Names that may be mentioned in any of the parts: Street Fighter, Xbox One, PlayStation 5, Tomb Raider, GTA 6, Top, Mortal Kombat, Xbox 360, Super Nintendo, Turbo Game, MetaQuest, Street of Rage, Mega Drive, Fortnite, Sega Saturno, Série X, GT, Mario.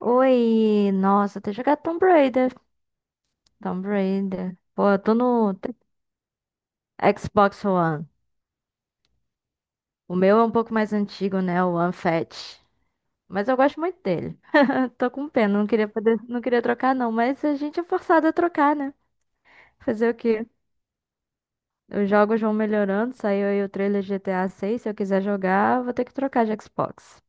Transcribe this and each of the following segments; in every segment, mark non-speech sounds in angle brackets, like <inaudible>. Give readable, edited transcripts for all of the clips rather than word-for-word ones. Oi, nossa, tem jogado Tomb Raider. Tomb Raider. Pô, eu tô no te- Xbox One. O meu é um pouco mais antigo, né? O One Fat. Mas eu gosto muito dele. <laughs> Tô com pena, não queria poder, não queria trocar não, mas a gente é forçado a trocar, né? Fazer o quê? Os jogos vão melhorando, saiu aí o trailer de GTA 6. Se eu quiser jogar, vou ter que trocar de Xbox.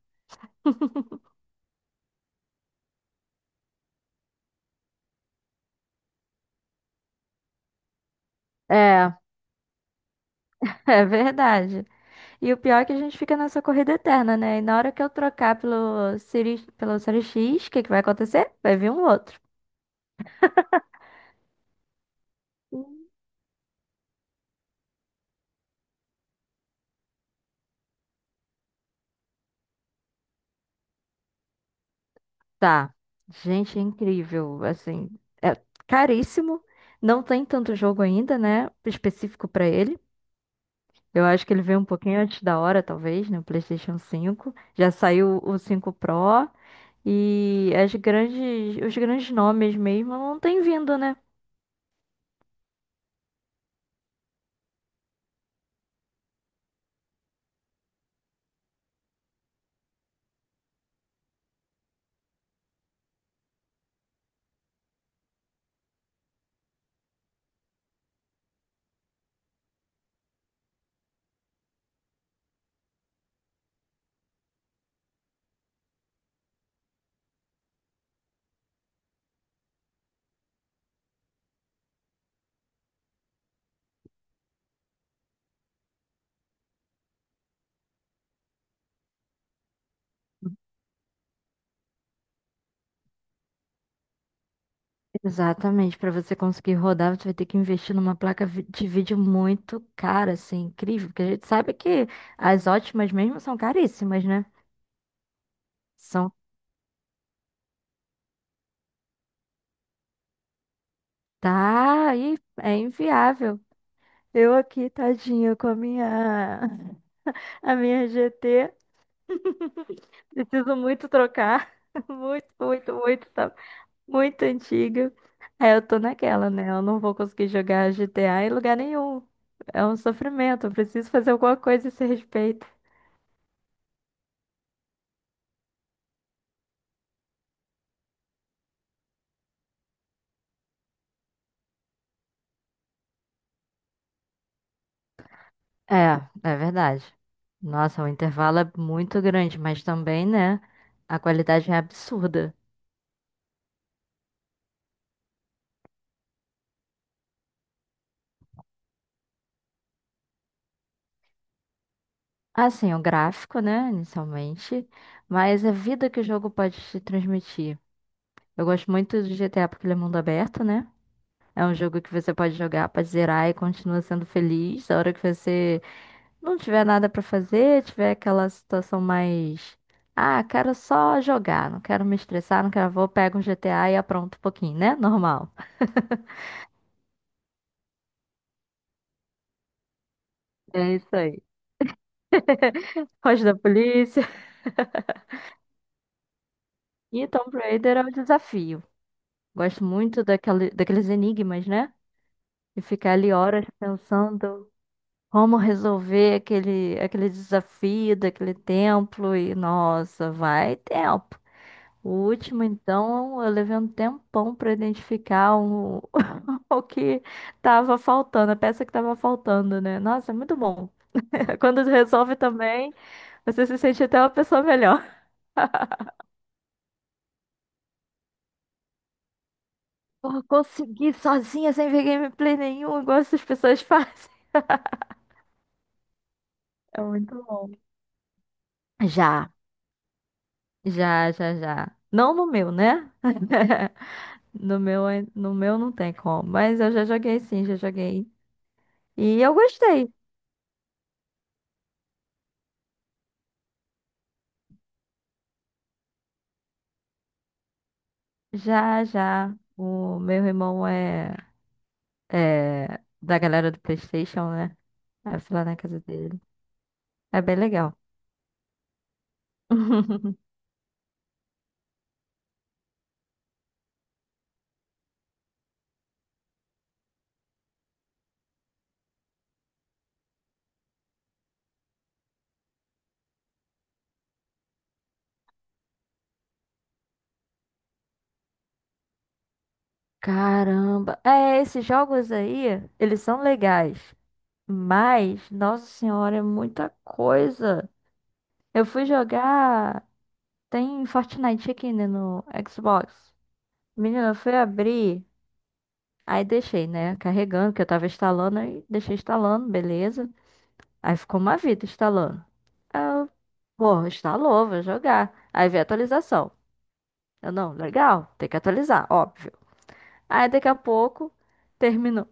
É, <laughs> é verdade. E o pior é que a gente fica nessa corrida eterna, né? E na hora que eu trocar pelo Siri, pelo Série X, o que que vai acontecer? Vai vir um outro. Tá. Gente, é incrível. Assim, é caríssimo. Não tem tanto jogo ainda, né? Específico pra ele. Eu acho que ele veio um pouquinho antes da hora, talvez, né? O PlayStation 5. Já saiu o 5 Pro. E as grandes, os grandes nomes mesmo não têm vindo, né? Exatamente, para você conseguir rodar, você vai ter que investir numa placa vi- de vídeo muito cara, assim, incrível, porque a gente sabe que as ótimas mesmo são caríssimas, né? São, tá, e é inviável. Eu aqui, tadinha, com a minha, <laughs> a minha GT, preciso muito trocar, <laughs> muito, muito, muito, tá muito antiga. Aí eu tô naquela, né? Eu não vou conseguir jogar GTA em lugar nenhum. É um sofrimento, eu preciso fazer alguma coisa a esse respeito. É, é verdade. Nossa, o intervalo é muito grande, mas também, né? A qualidade é absurda. Assim, o gráfico, né, inicialmente, mas a vida que o jogo pode te transmitir. Eu gosto muito do GTA porque ele é mundo aberto, né? É um jogo que você pode jogar, pode zerar e continua sendo feliz. A hora que você não tiver nada pra fazer, tiver aquela situação mais. Ah, quero só jogar, não quero me estressar, não quero. Vou, pego um GTA e apronto um pouquinho, né? Normal. É isso aí. Foge da polícia. <laughs> E Tomb Raider é o desafio. Gosto muito daquele, daqueles enigmas, né? E ficar ali horas pensando como resolver aquele, aquele desafio daquele templo. E nossa, vai tempo. O último, então, eu levei um tempão para identificar o, <laughs> o que tava faltando, a peça que tava faltando, né? Nossa, é muito bom. <laughs> Quando resolve também, você se sente até uma pessoa melhor. Porra, consegui sozinha, sem ver gameplay nenhum, igual essas pessoas <laughs> fazem. É muito bom. Já, já, já, já. Não no meu, né? <laughs> No meu, ai- no meu não tem como, mas eu já joguei sim, já joguei. E eu gostei. Já, já. O meu irmão é, é da galera do PlayStation, né? Aí eu fui lá na casa dele. É bem legal. <laughs> Caramba. É, esses jogos aí, eles são legais. Mas, nossa senhora, é muita coisa. Eu fui jogar. Tem Fortnite aqui, né, no Xbox. Menina, eu fui abrir. Aí deixei, né, carregando, que eu tava instalando. Aí deixei instalando, beleza. Aí ficou uma vida instalando. Aí eu, pô, instalou, vou jogar. Aí veio a atualização. Eu, não, legal, tem que atualizar, óbvio. Aí daqui a pouco, terminou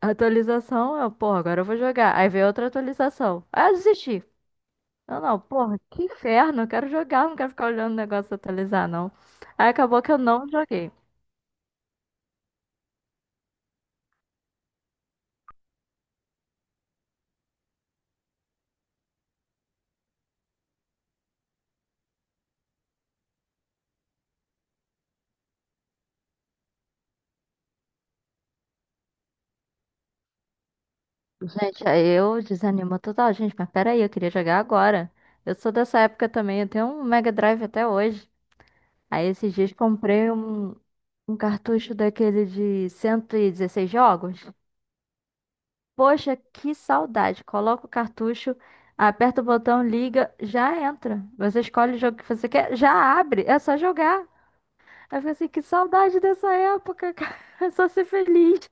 a Atualização. Eu, pô, agora eu vou jogar. Aí veio outra atualização. Aí eu desisti. Não, não, porra, que inferno, eu quero jogar, não quero ficar olhando o negócio atualizar, não. Aí acabou que eu não joguei. Gente, aí eu desanimo total, gente, mas peraí, eu queria jogar agora. Eu sou dessa época também, eu tenho um Mega Drive até hoje. Aí esses dias comprei um, um cartucho daquele de 116 jogos. Poxa, que saudade. Coloca o cartucho, aperta o botão, liga, já entra. Você escolhe o jogo que você quer, já abre, é só jogar. Aí eu falei assim, que saudade dessa época, cara. <laughs> É só ser feliz.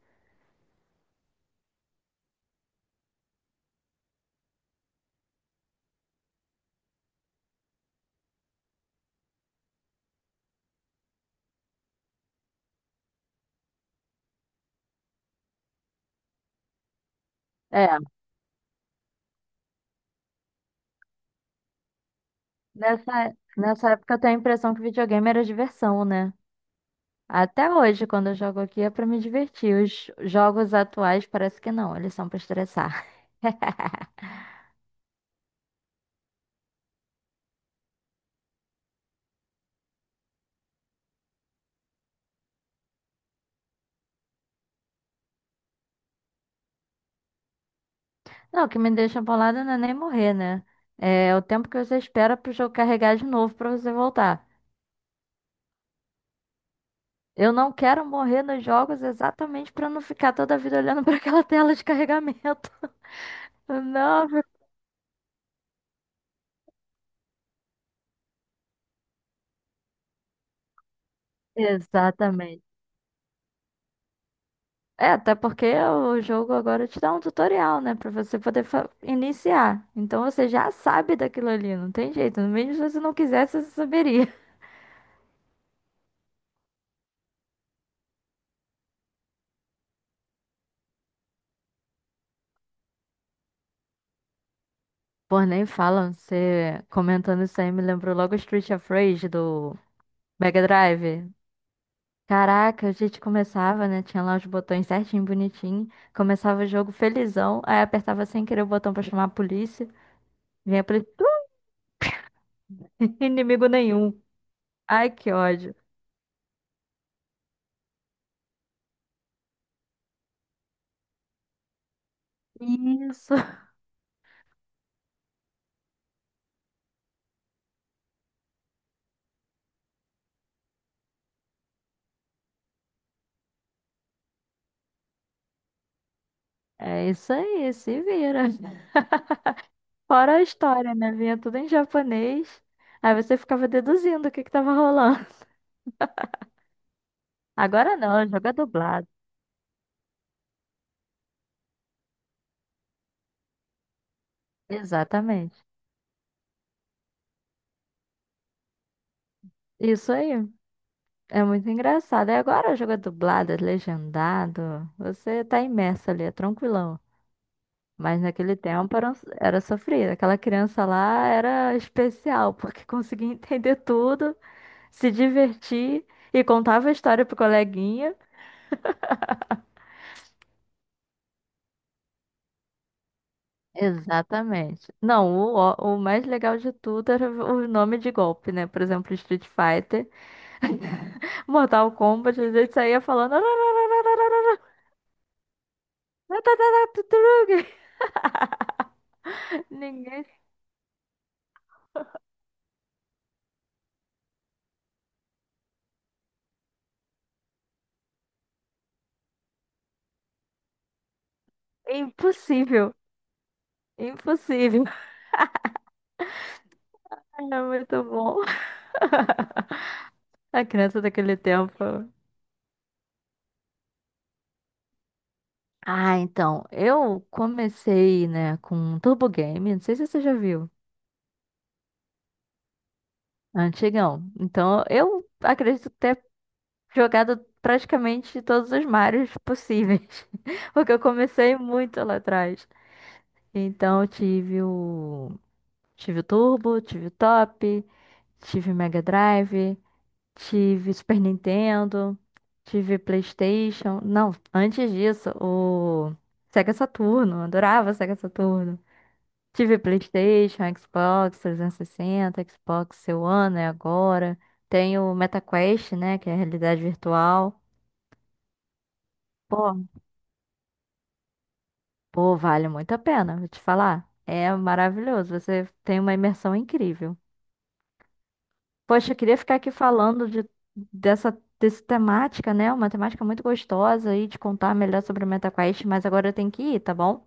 É, nessa época eu tenho a impressão que videogame era diversão, né? Até hoje, quando eu jogo aqui, é pra me divertir. Os jogos atuais parece que não, eles são pra estressar. <laughs> Não, o que me deixa bolada não é nem morrer, né? É o tempo que você espera pro jogo carregar de novo pra você voltar. Eu não quero morrer nos jogos exatamente pra não ficar toda a vida olhando <laughs> pra aquela tela de carregamento. Não, <laughs> exatamente. É, até porque o jogo agora te dá um tutorial, né? Pra você poder fa- iniciar. Então você já sabe daquilo ali, não tem jeito. Mesmo se você não quisesse, você saberia. <laughs> Pô, nem falam. Você comentando isso aí me lembrou logo Street of Rage do Mega Drive. Caraca, a gente começava, né? Tinha lá os botões certinho, bonitinho. Começava o jogo felizão. Aí apertava sem querer o botão pra chamar a polícia. Vinha a polícia. <laughs> Inimigo nenhum. Ai, que ódio. Isso. É isso aí, se vira. Fora a história, né? Vinha tudo em japonês. Aí você ficava deduzindo o que que tava rolando. <laughs> Agora não, joga dublado. Exatamente. Isso aí. É muito engraçado. E agora joga dublado, é legendado. Você tá imerso ali, é tranquilão. Mas naquele tempo era, um- era sofrido. Aquela criança lá era especial, porque <laughs> conseguia entender tudo, se divertir e contava a história pro coleguinha. Exatamente. Não, o mais legal de tudo era o nome de golpe, né? Por exemplo, Street Fighter, Mortal Kombat, a gente saía falando. <laughs> Ninguém. É impossível. Impossível. É muito bom. <laughs> A criança daquele tempo. Ah, então, eu comecei, né, com Turbo Game, não sei se você já viu, antigão. Então, eu acredito ter jogado praticamente todos os Marios possíveis, <laughs> porque eu comecei muito lá atrás. Então eu tive o Turbo, tive o Top, tive o Mega Drive, tive Super Nintendo, tive PlayStation. Não, antes disso, o Sega Saturno, eu adorava Sega Saturno. Tive PlayStation, Xbox 360, Xbox One, né, agora. Tenho o MetaQuest, né, que é a realidade virtual. Pô, Pô, vale muito a pena, vou te falar. É maravilhoso, você tem uma imersão incrível. Poxa, eu queria ficar aqui falando de, dessa temática, né? Uma temática muito gostosa e te contar melhor sobre o MetaQuest, mas agora eu tenho que ir, tá bom?